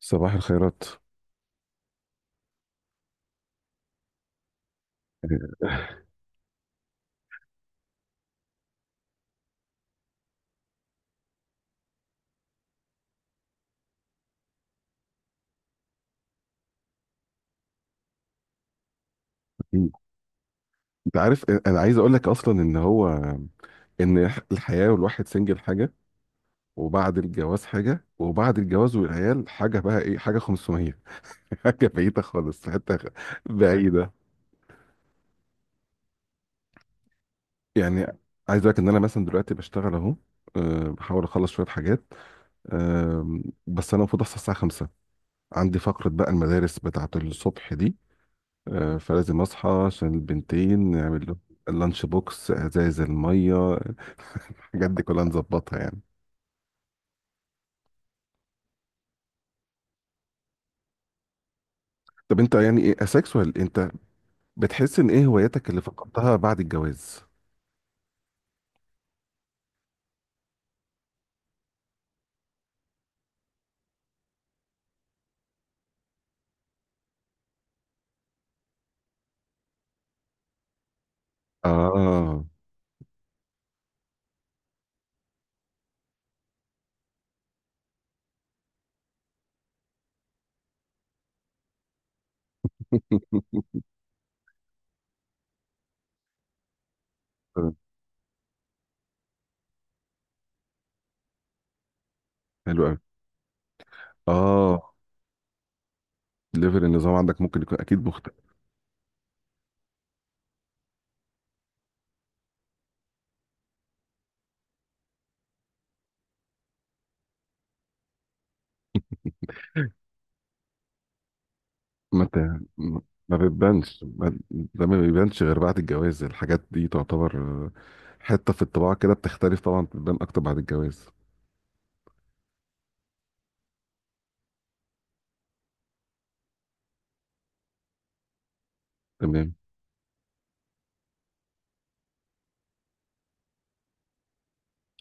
صباح الخيرات. آه، انت عارف، انا عايز اقول لك اصلا ان هو ان الحياه والواحد سنجل حاجه، وبعد الجواز حاجه، وبعد الجواز والعيال حاجه، بقى ايه حاجه 500. حاجه بعيده خالص في حته بعيده يعني. عايز اقول لك ان انا مثلا دلوقتي بشتغل اهو. بحاول اخلص شويه حاجات. أه، بس انا المفروض اصحى الساعه 5، عندي فقره بقى المدارس بتاعه الصبح دي. فلازم اصحى عشان البنتين نعمل لهم اللانش بوكس، ازايز الميه، الحاجات دي كلها نظبطها يعني. طب انت يعني ايه اسكسوال انت؟ بتحس ان ايه هواياتك اللي فقدتها بعد الجواز؟ اه. حلو قوي. اه. ليفل النظام عندك ممكن يكون اكيد مختلف. ما انت ما بتبانش، ده ما بيبانش غير بعد الجواز. الحاجات دي تعتبر آه، حته في الطباع كده بتختلف طبعا، بتبان اكتر بعد الجواز. تمام.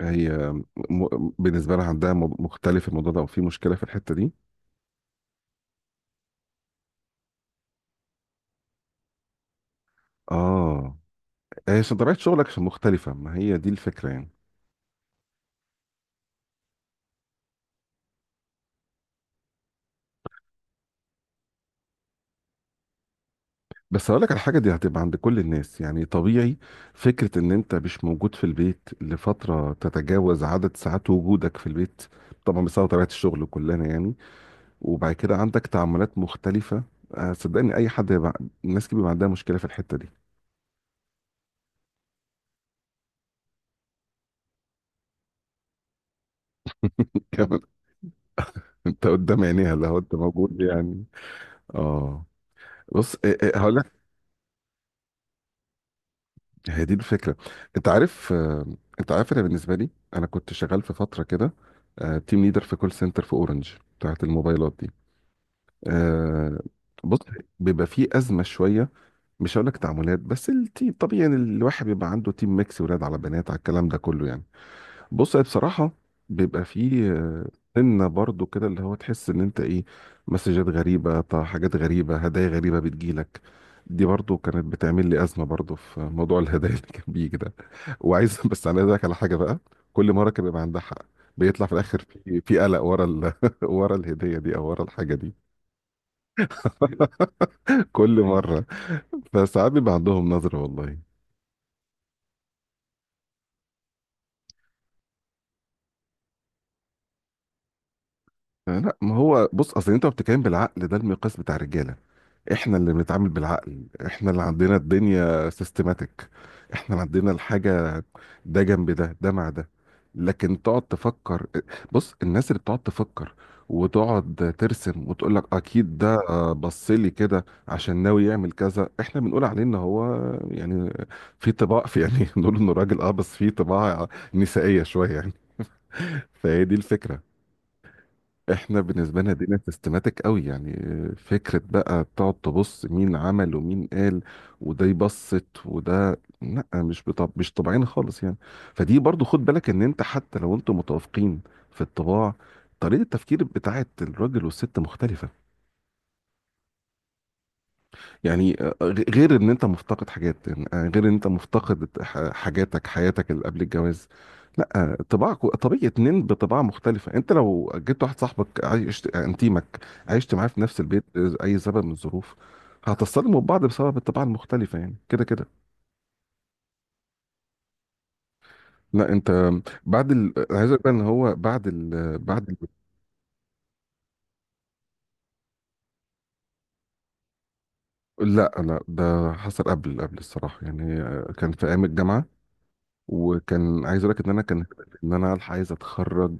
هي م... بالنسبه لها عندها مختلف الموضوع ده، او في مشكله في الحته دي. اه. هي عشان طبيعة شغلك، عشان مختلفة، ما هي دي الفكرة يعني. بس هقول لك على حاجة دي هتبقى عند كل الناس يعني طبيعي. فكرة ان انت مش موجود في البيت لفترة تتجاوز عدد ساعات وجودك في البيت، طبعا بسبب طبيعة الشغل كلنا يعني. وبعد كده عندك تعاملات مختلفة. صدقني اي حد هيبقى، الناس كتير بيبقى عندها مشكلة في الحتة دي. كمان انت قدام عينيها لو انت موجود يعني. اه. بص هقول، هي دي الفكرة. انت عارف، انت عارف انا بالنسبة لي، انا كنت شغال في فترة كده تيم ليدر في كول سنتر في اورنج بتاعت الموبايلات دي. آه، بص، بيبقى فيه أزمة شوية. مش هقول لك تعاملات، بس التيم طبيعي يعني، الواحد بيبقى عنده تيم ميكس ولاد على بنات على الكلام ده كله يعني. بص هي بصراحة بيبقى فيه سنة برضو كده اللي هو تحس ان انت ايه، مسجات غريبة، حاجات غريبة، هدايا غريبة بتجيلك. دي برضو كانت بتعمل لي أزمة برضو في موضوع الهدايا اللي كان بيجي ده. وعايز بس انا عايز أقولك على حاجة بقى، كل مرة كان بيبقى عندها حق. بيطلع في الآخر في قلق ورا ورا الهدية دي أو ورا الحاجة دي. كل مرة. فساعات بيبقى عندهم نظرة والله. لا ما هو بص اصل انت بتتكلم بالعقل، ده المقياس بتاع الرجاله. احنا اللي بنتعامل بالعقل، احنا اللي عندنا الدنيا سيستماتيك، احنا اللي عندنا الحاجة ده جنب ده، ده مع ده. لكن تقعد تفكر، بص الناس اللي بتقعد تفكر وتقعد ترسم وتقول لك اكيد ده بص لي كده عشان ناوي يعمل كذا، احنا بنقول عليه ان هو يعني في طباع، في يعني بنقول انه راجل اه بس في طباع نسائية شوية يعني. فهي دي الفكرة. احنا بالنسبه لنا دينا سيستماتيك قوي يعني. فكره بقى تقعد تبص مين عمل ومين قال، وده يبسط وده لا، مش مش طبيعيين خالص يعني. فدي برضو خد بالك ان انت حتى لو انتوا متوافقين في الطباع، طريقه التفكير بتاعت الراجل والست مختلفه يعني. غير ان انت مفتقد حاجات يعني، غير ان انت مفتقد حاجاتك حياتك اللي قبل الجواز. لا طباعك طبيعي اتنين بطباعة مختلفة. انت لو جبت واحد صاحبك عايش انتيمك، عشت معاه في نفس البيت اي سبب من الظروف، هتتصدموا ببعض بسبب الطباع المختلفة يعني كده كده. لا انت بعد أنا عايز اقول بقى ان هو بعد لا لا، ده حصل قبل قبل الصراحة يعني، كان في ايام الجامعة. وكان عايز اقول لك ان انا كان ان انا الحق عايز اتخرج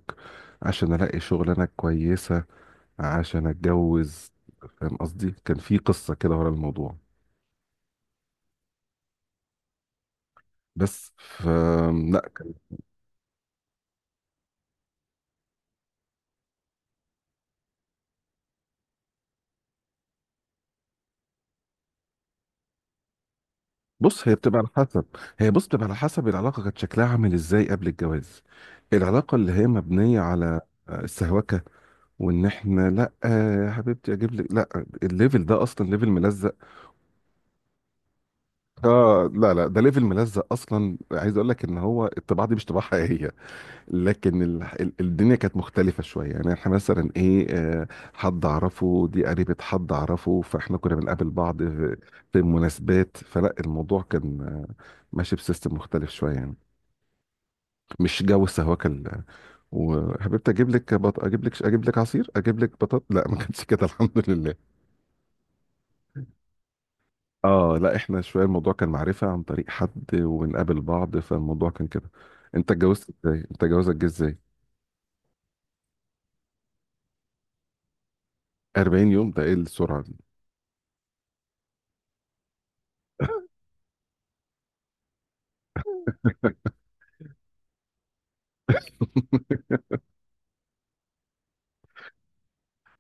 عشان الاقي شغلانه كويسه عشان اتجوز. فاهم قصدي، كان في قصه كده ورا الموضوع. بس لا. بص هي بتبقى على حسب، هي بص بتبقى على حسب العلاقه كانت شكلها عامل ازاي قبل الجواز. العلاقه اللي هي مبنيه على السهوكه، وان احنا لا يا حبيبتي اجيب لك، لا، الليفل ده اصلا ليفل ملزق. اه لا لا، ده ليفل ملزق اصلا. عايز اقول لك ان هو الطباعه دي مش طباعه حقيقيه. لكن الدنيا كانت مختلفة شوية يعني، احنا مثلا ايه حد اعرفه، دي قريبة حد اعرفه، فاحنا كنا بنقابل بعض في مناسبات، فلا الموضوع كان ماشي بسيستم مختلف شوية يعني، مش جو السهوكة وحبيبتي اجيب لك اجيب لك، اجيب لك عصير، اجيب لك بطاط، لا ما كانش كده. الحمد لله. اه لا احنا شوية الموضوع كان معرفة عن طريق حد، وبنقابل بعض، فالموضوع كان كده. انت اتجوزت ازاي؟ انت جوازك جه ازاي؟ 40 يوم، ده ايه السرعة دي؟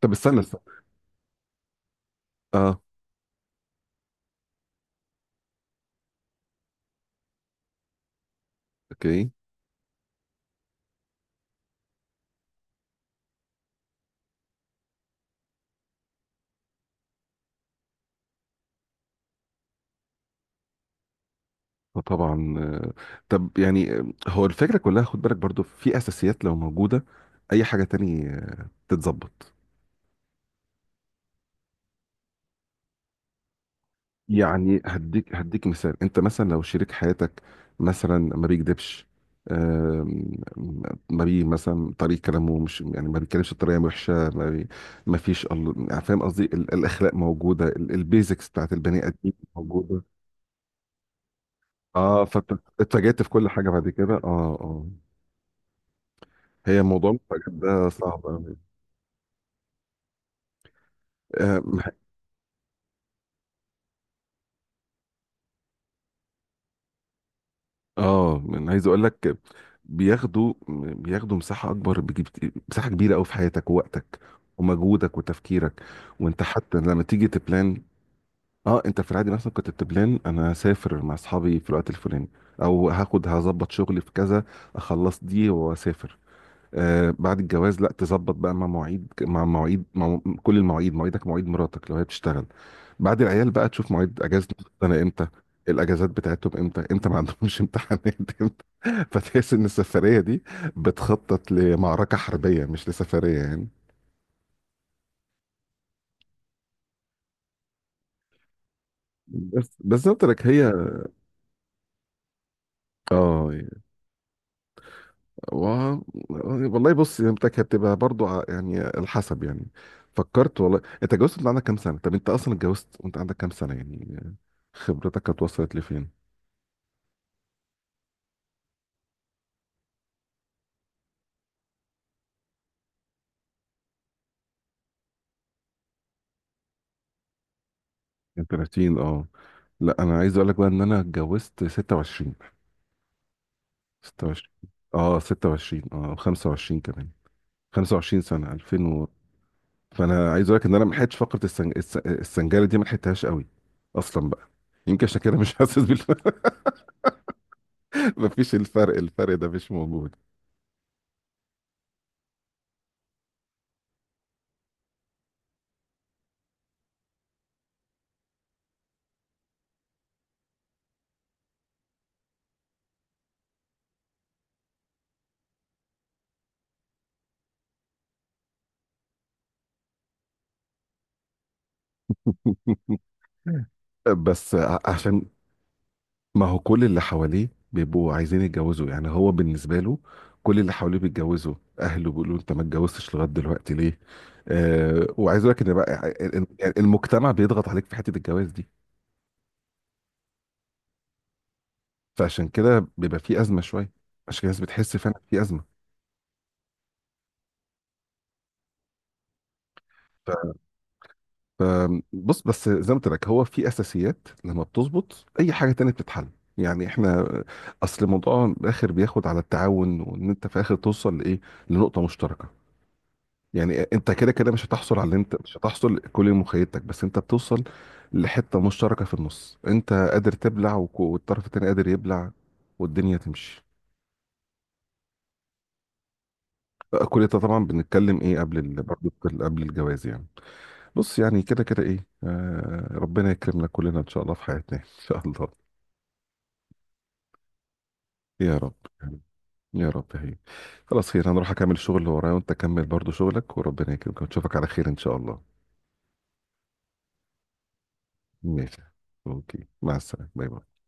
طب استنى استنى. اه، اوكي. طبعا طب يعني هو الفكره كلها خد بالك برضو في اساسيات لو موجوده اي حاجه تاني تتظبط. يعني هديك هديك مثال، انت مثلا لو شريك حياتك مثلا ما بيكذبش، آم، ما بي مثلا طريق كلامه مش يعني ما بيتكلمش بطريقه وحشه، ما فيش يعني فاهم قصدي الاخلاق موجوده، البيزكس بتاعت البني ادمين موجوده. اه فاتجهت في كل حاجه بعد كده اه اه. هي موضوع المفاجآت ده صعب أوي. آه مح- أنا عايز أقول لك، بياخدوا بياخدوا مساحة أكبر، بيجيب مساحة كبيرة أوي في حياتك ووقتك ومجهودك وتفكيرك. وأنت حتى لما تيجي تبلان. أه، أنت في العادي مثلا كنت بتبلان، أنا هسافر مع أصحابي في الوقت الفلاني، أو هاخد هظبط شغلي في كذا، أخلص دي وأسافر. آه بعد الجواز لا، تظبط بقى مع مواعيد مع كل المواعيد، مواعيدك، مواعيد مراتك لو هي بتشتغل، بعد العيال بقى تشوف مواعيد اجازة انا امتى، الاجازات بتاعتهم امتى، امتى ما عندهمش امتحانات امتى، فتحس ان السفرية دي بتخطط لمعركة حربية مش لسفرية يعني. بس بالظبط لك هي اه. و... والله بص هي بتاعك هتبقى برضو يعني على حسب يعني. فكرت والله. انت اتجوزت وانت عندك كام سنة؟ طب انت اصلا اتجوزت وانت عندك كام سنة يعني؟ خبرتك كانت وصلت لفين؟ من 30، اه. لا انا عايز اقول لك بقى ان انا اتجوزت 26، 26. اه 26 اه 25 كمان 25 سنة 2000 و... فانا عايز اقول لك ان انا ما لحقتش فقرة السنجارة دي، ما لحقتهاش قوي اصلا بقى. يمكن عشان كده مش حاسس بالفرق. مفيش الفرق، الفرق ده مش موجود. بس عشان ما هو كل اللي حواليه بيبقوا عايزين يتجوزوا، يعني هو بالنسبة له كل اللي حواليه بيتجوزوا، أهله بيقولوا أنت ما اتجوزتش لغاية دلوقتي ليه؟ آه، وعايز أقول لك إن بقى يعني المجتمع بيضغط عليك في حتة الجواز دي. فعشان كده بيبقى في أزمة شوية، عشان كده الناس بتحس فعلا في أزمة. بص بس زي ما قلت لك هو في أساسيات لما بتظبط، أي حاجة تانية بتتحل. يعني احنا أصل الموضوع في الآخر بياخد على التعاون، وإن أنت في الآخر توصل لإيه؟ لنقطة مشتركة. يعني انت كده كده مش هتحصل على اللي انت مش هتحصل كل مخيلتك، بس انت بتوصل لحتة مشتركة في النص، انت قادر تبلع والطرف التاني قادر يبلع، والدنيا تمشي. كل ده طبعا بنتكلم ايه قبل برضه قبل قبل الجواز يعني. بص يعني كده كده ايه آه ربنا يكرمنا كلنا ان شاء الله في حياتنا. ان شاء الله. يا رب. يا رب. هي خلاص خير، انا اروح اكمل الشغل اللي ورايا، وانت كمل برضه شغلك، وربنا يكرمك، ونشوفك على خير ان شاء الله. ماشي. اوكي مع السلامة. باي باي.